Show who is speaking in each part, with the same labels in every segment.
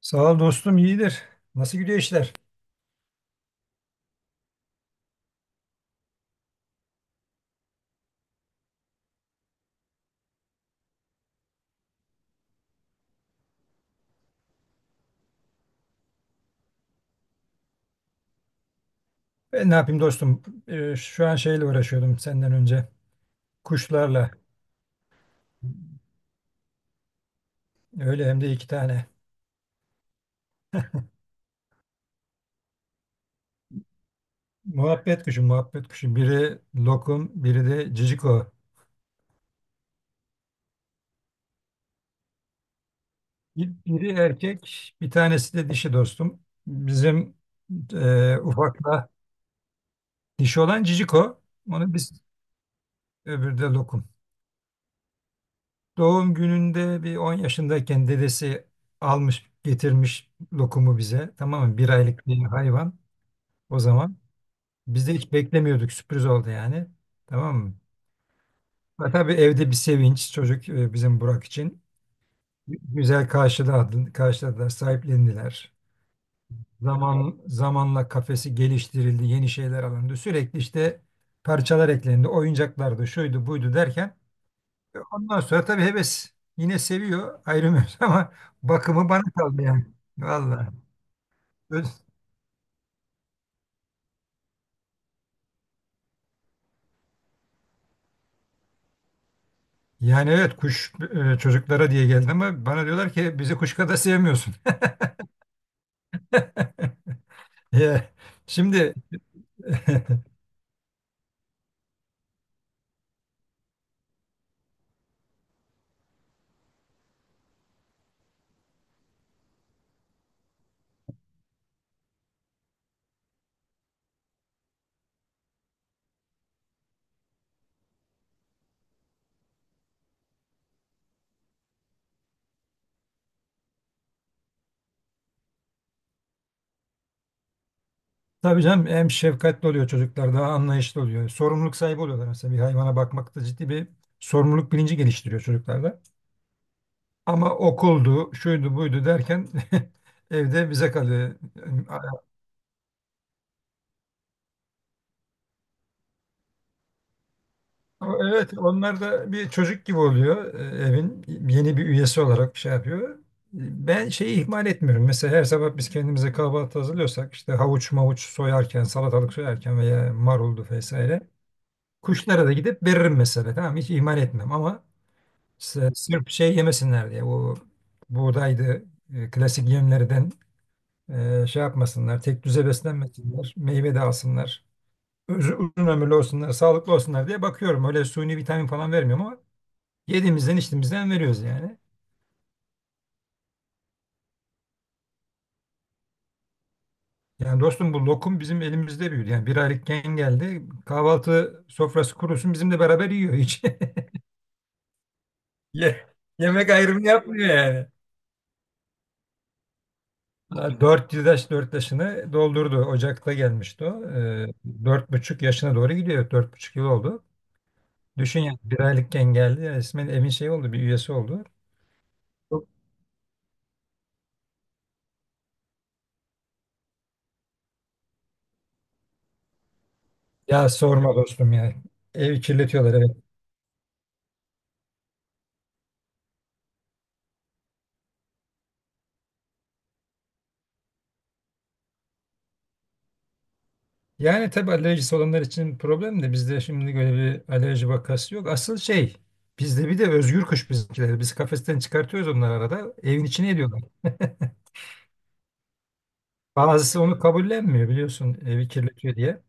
Speaker 1: Sağ ol dostum, iyidir. Nasıl gidiyor işler? Ben ne yapayım dostum? Şu an şeyle uğraşıyordum senden önce. Kuşlarla. Öyle hem de 2 tane. Muhabbet kuşu, muhabbet kuşu. Biri lokum, biri de ciciko. Biri erkek, bir tanesi de dişi dostum. Bizim ufakla dişi olan ciciko. Onu biz öbürü de lokum. Doğum gününde bir 10 yaşındayken dedesi almış, getirmiş lokumu bize. Tamam mı? 1 aylık bir hayvan o zaman. Biz de hiç beklemiyorduk. Sürpriz oldu yani. Tamam mı? Ve tabii evde bir sevinç, çocuk bizim Burak için. Güzel karşıladı, karşıladılar, sahiplendiler. Zamanla kafesi geliştirildi, yeni şeyler alındı. Sürekli işte parçalar eklendi, oyuncaklardı, şuydu, buydu derken ondan sonra tabii heves, yine seviyor, ayrılmıyoruz ama bakımı bana kaldı yani. Vallahi. Öz- Yani evet, kuş çocuklara diye geldi ama bana diyorlar ki bizi kuş kadar sevmiyorsun. Ya. Şimdi. Tabii canım, hem şefkatli oluyor çocuklar, daha anlayışlı oluyor. Sorumluluk sahibi oluyorlar. Mesela bir hayvana bakmakta ciddi bir sorumluluk bilinci geliştiriyor çocuklarda. Ama okuldu, şuydu, buydu derken evde bize kalıyor. Ama Evet, onlar da bir çocuk gibi oluyor, evin yeni bir üyesi olarak şey yapıyor. Ben şeyi ihmal etmiyorum. Mesela her sabah biz kendimize kahvaltı hazırlıyorsak, işte havuç mavuç soyarken, salatalık soyarken veya maruldu vesaire, kuşlara da gidip veririm mesela. Tamam, hiç ihmal etmem ama sırf şey yemesinler diye, o buğdaydı klasik yemlerden şey yapmasınlar, tek düze beslenmesinler, meyve de alsınlar, uzun ömürlü olsunlar, sağlıklı olsunlar diye bakıyorum. Öyle suni vitamin falan vermiyorum ama yediğimizden içtiğimizden veriyoruz yani. Yani dostum, bu lokum bizim elimizde büyüdü. Yani 1 aylıkken geldi. Kahvaltı sofrası kurusun bizimle beraber yiyor hiç. Ye- Yemek ayrımı yapmıyor yani. 4 yaşını doldurdu. Ocak'ta gelmişti o. 4,5 yaşına doğru gidiyor. 4,5 yıl oldu. Düşün yani, 1 aylıkken geldi. Ya, resmen evin şey oldu, bir üyesi oldu. Ya sorma dostum ya. Evi kirletiyorlar, evet. Yani tabii alerjisi olanlar için problem de bizde şimdi böyle bir alerji vakası yok. Asıl şey, bizde bir de özgür kuş bizimkiler, biz kafesten çıkartıyoruz onları arada. Evin içine ediyorlar. Bazısı onu kabullenmiyor, biliyorsun, evi kirletiyor diye.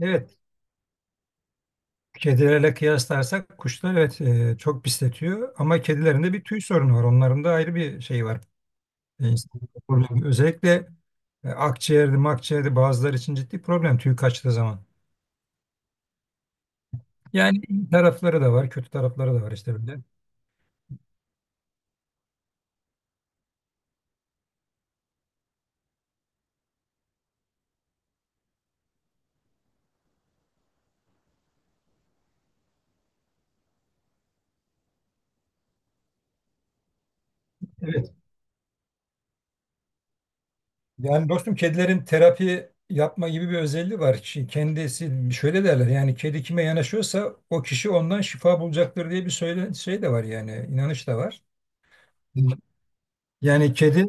Speaker 1: Evet. Kedilerle kıyaslarsak kuşlar, evet, çok pisletiyor ama kedilerin de bir tüy sorunu var. Onların da ayrı bir şey var. İnsanın problemi. Özellikle akciğerde, makciğerde bazıları için ciddi problem tüy kaçtığı zaman. Yani iyi tarafları da var, kötü tarafları da var işte, böyle. Evet. Yani dostum, kedilerin terapi yapma gibi bir özelliği var. Şimdi kendisi, şöyle derler yani, kedi kime yanaşıyorsa o kişi ondan şifa bulacaktır diye bir söyle, şey de var, yani inanış da var. Yani kedi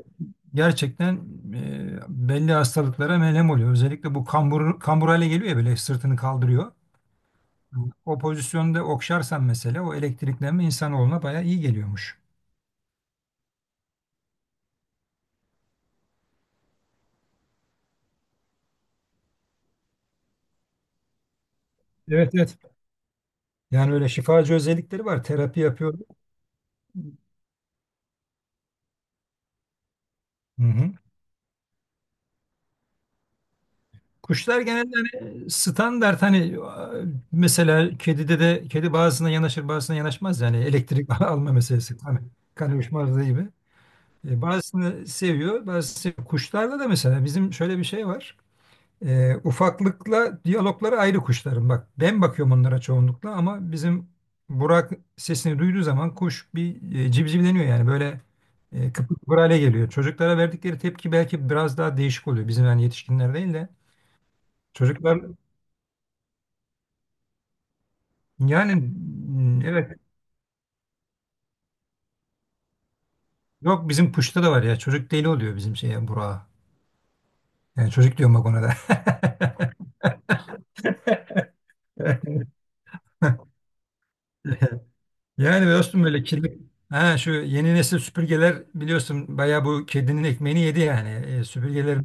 Speaker 1: gerçekten e, belli hastalıklara melem oluyor. Özellikle bu kambur, kambur hale geliyor ya, böyle sırtını kaldırıyor. O pozisyonda okşarsan mesela, o elektriklenme insanoğluna bayağı iyi geliyormuş. Evet, evet. Yani öyle şifacı özellikleri var. Terapi yapıyor. Hı hı. Kuşlar genelde hani standart, hani mesela kedide de kedi bazısına yanaşır, bazısına yanaşmaz, yani elektrik alma meselesi. Hani kan uyuşmazlığı gibi. Bazısını seviyor, bazısını seviyor. Kuşlarda da mesela bizim şöyle bir şey var. Ufaklıkla diyalogları ayrı kuşların. Bak, ben bakıyorum onlara çoğunlukla ama bizim Burak sesini duyduğu zaman kuş bir civcivleniyor yani, böyle kıpır kıpır hale geliyor. Çocuklara verdikleri tepki belki biraz daha değişik oluyor. Bizim yani, yetişkinler değil de çocuklar yani, evet. Yok, bizim kuşta da var ya, çocuk deli oluyor bizim şeye, Burak'a. Yani çocuk diyorum, bak, ona da. Yani dostum, böyle kirli. Ha, şu yeni nesil süpürgeler, biliyorsun, bayağı bu kedinin ekmeğini yedi yani. Süpürgeler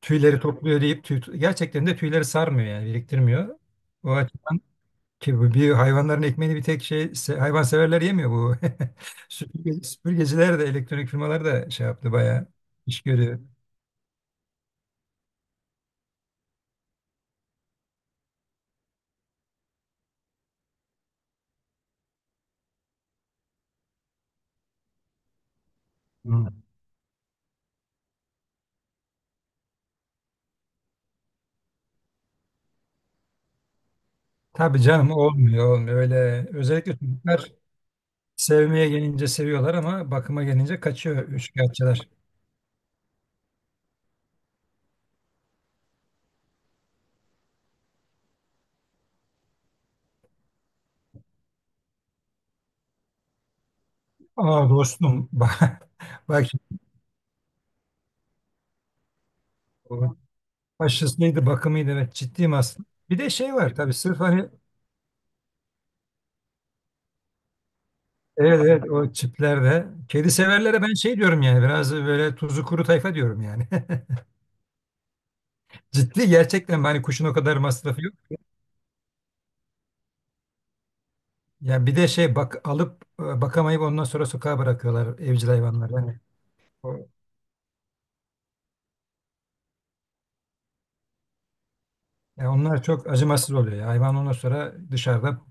Speaker 1: tüyleri topluyor deyip tüy, gerçekten de tüyleri sarmıyor, yani biriktirmiyor. O açıdan, ki bu bir hayvanların ekmeğini bir tek hayvanseverler yemiyor bu. Süpürgeciler de, elektronik firmalar da şey yaptı, bayağı iş görüyor. Hı. Tabii canım, olmuyor, olmuyor öyle. Özellikle çocuklar sevmeye gelince seviyorlar ama bakıma gelince kaçıyor üçkağıtçılar. Aa dostum, bak, bak şimdi, aşısıydı, bakımıydı, evet, ciddiyim aslında. Bir de şey var tabii, sırf hani, evet evet, o çiplerde kedi severlere ben şey diyorum yani, biraz böyle tuzu kuru tayfa diyorum yani. Ciddi gerçekten, hani kuşun o kadar masrafı yok. Yani bir de şey, bak, alıp bakamayıp ondan sonra sokağa bırakıyorlar evcil hayvanlar. Yani, o- yani onlar çok acımasız oluyor ya. Hayvan ondan sonra dışarıda.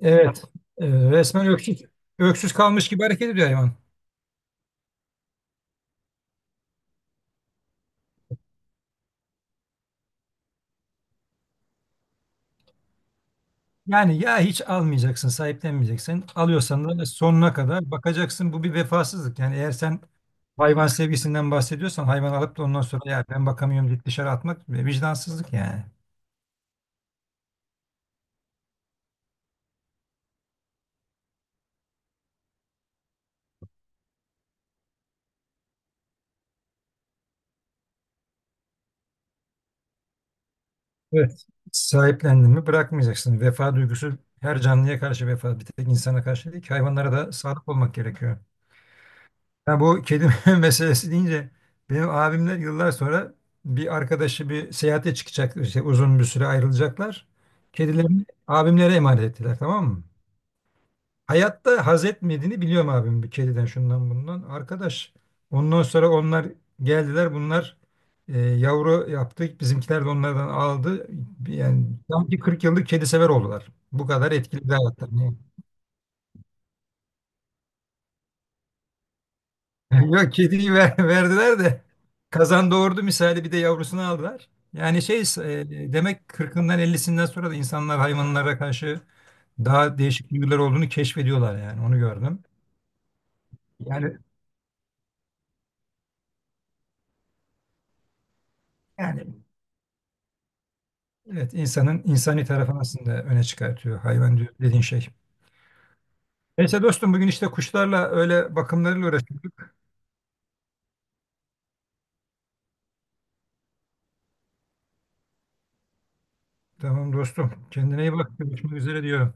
Speaker 1: Evet, resmen öksüz, öksüz kalmış gibi hareket ediyor hayvan. Yani ya hiç almayacaksın, sahiplenmeyeceksin. Alıyorsan da sonuna kadar bakacaksın. Bu bir vefasızlık. Yani eğer sen hayvan sevgisinden bahsediyorsan, hayvan alıp da ondan sonra "ya ben bakamıyorum" deyip dışarı atmak vicdansızlık yani. Evet. Sahiplendin mi bırakmayacaksın. Vefa duygusu, her canlıya karşı vefa. Bir tek insana karşı değil ki, hayvanlara da sadık olmak gerekiyor. Ya, bu kedi meselesi deyince, benim abimler, yıllar sonra bir arkadaşı bir seyahate çıkacak, işte uzun bir süre ayrılacaklar. Kedilerini abimlere emanet ettiler, tamam mı? Hayatta haz etmediğini biliyorum abim, bir kediden, şundan bundan. Arkadaş, ondan sonra onlar geldiler, bunlar yavru yaptık, bizimkiler de onlardan aldı. Yani sanki 40 yıllık kedi sever oldular. Bu kadar etkili bir hayatlar. Yok, kediyi verdiler de kazan doğurdu misali bir de yavrusunu aldılar. Yani şey, demek 40'ından 50'sinden sonra da insanlar hayvanlara karşı daha değişik duygular olduğunu keşfediyorlar, yani onu gördüm. Yani yani evet, insanın insani tarafını aslında öne çıkartıyor hayvan, dediğin şey. Neyse dostum, bugün işte kuşlarla, öyle bakımlarıyla uğraştık. Tamam dostum, kendine iyi bak, görüşmek üzere diyorum.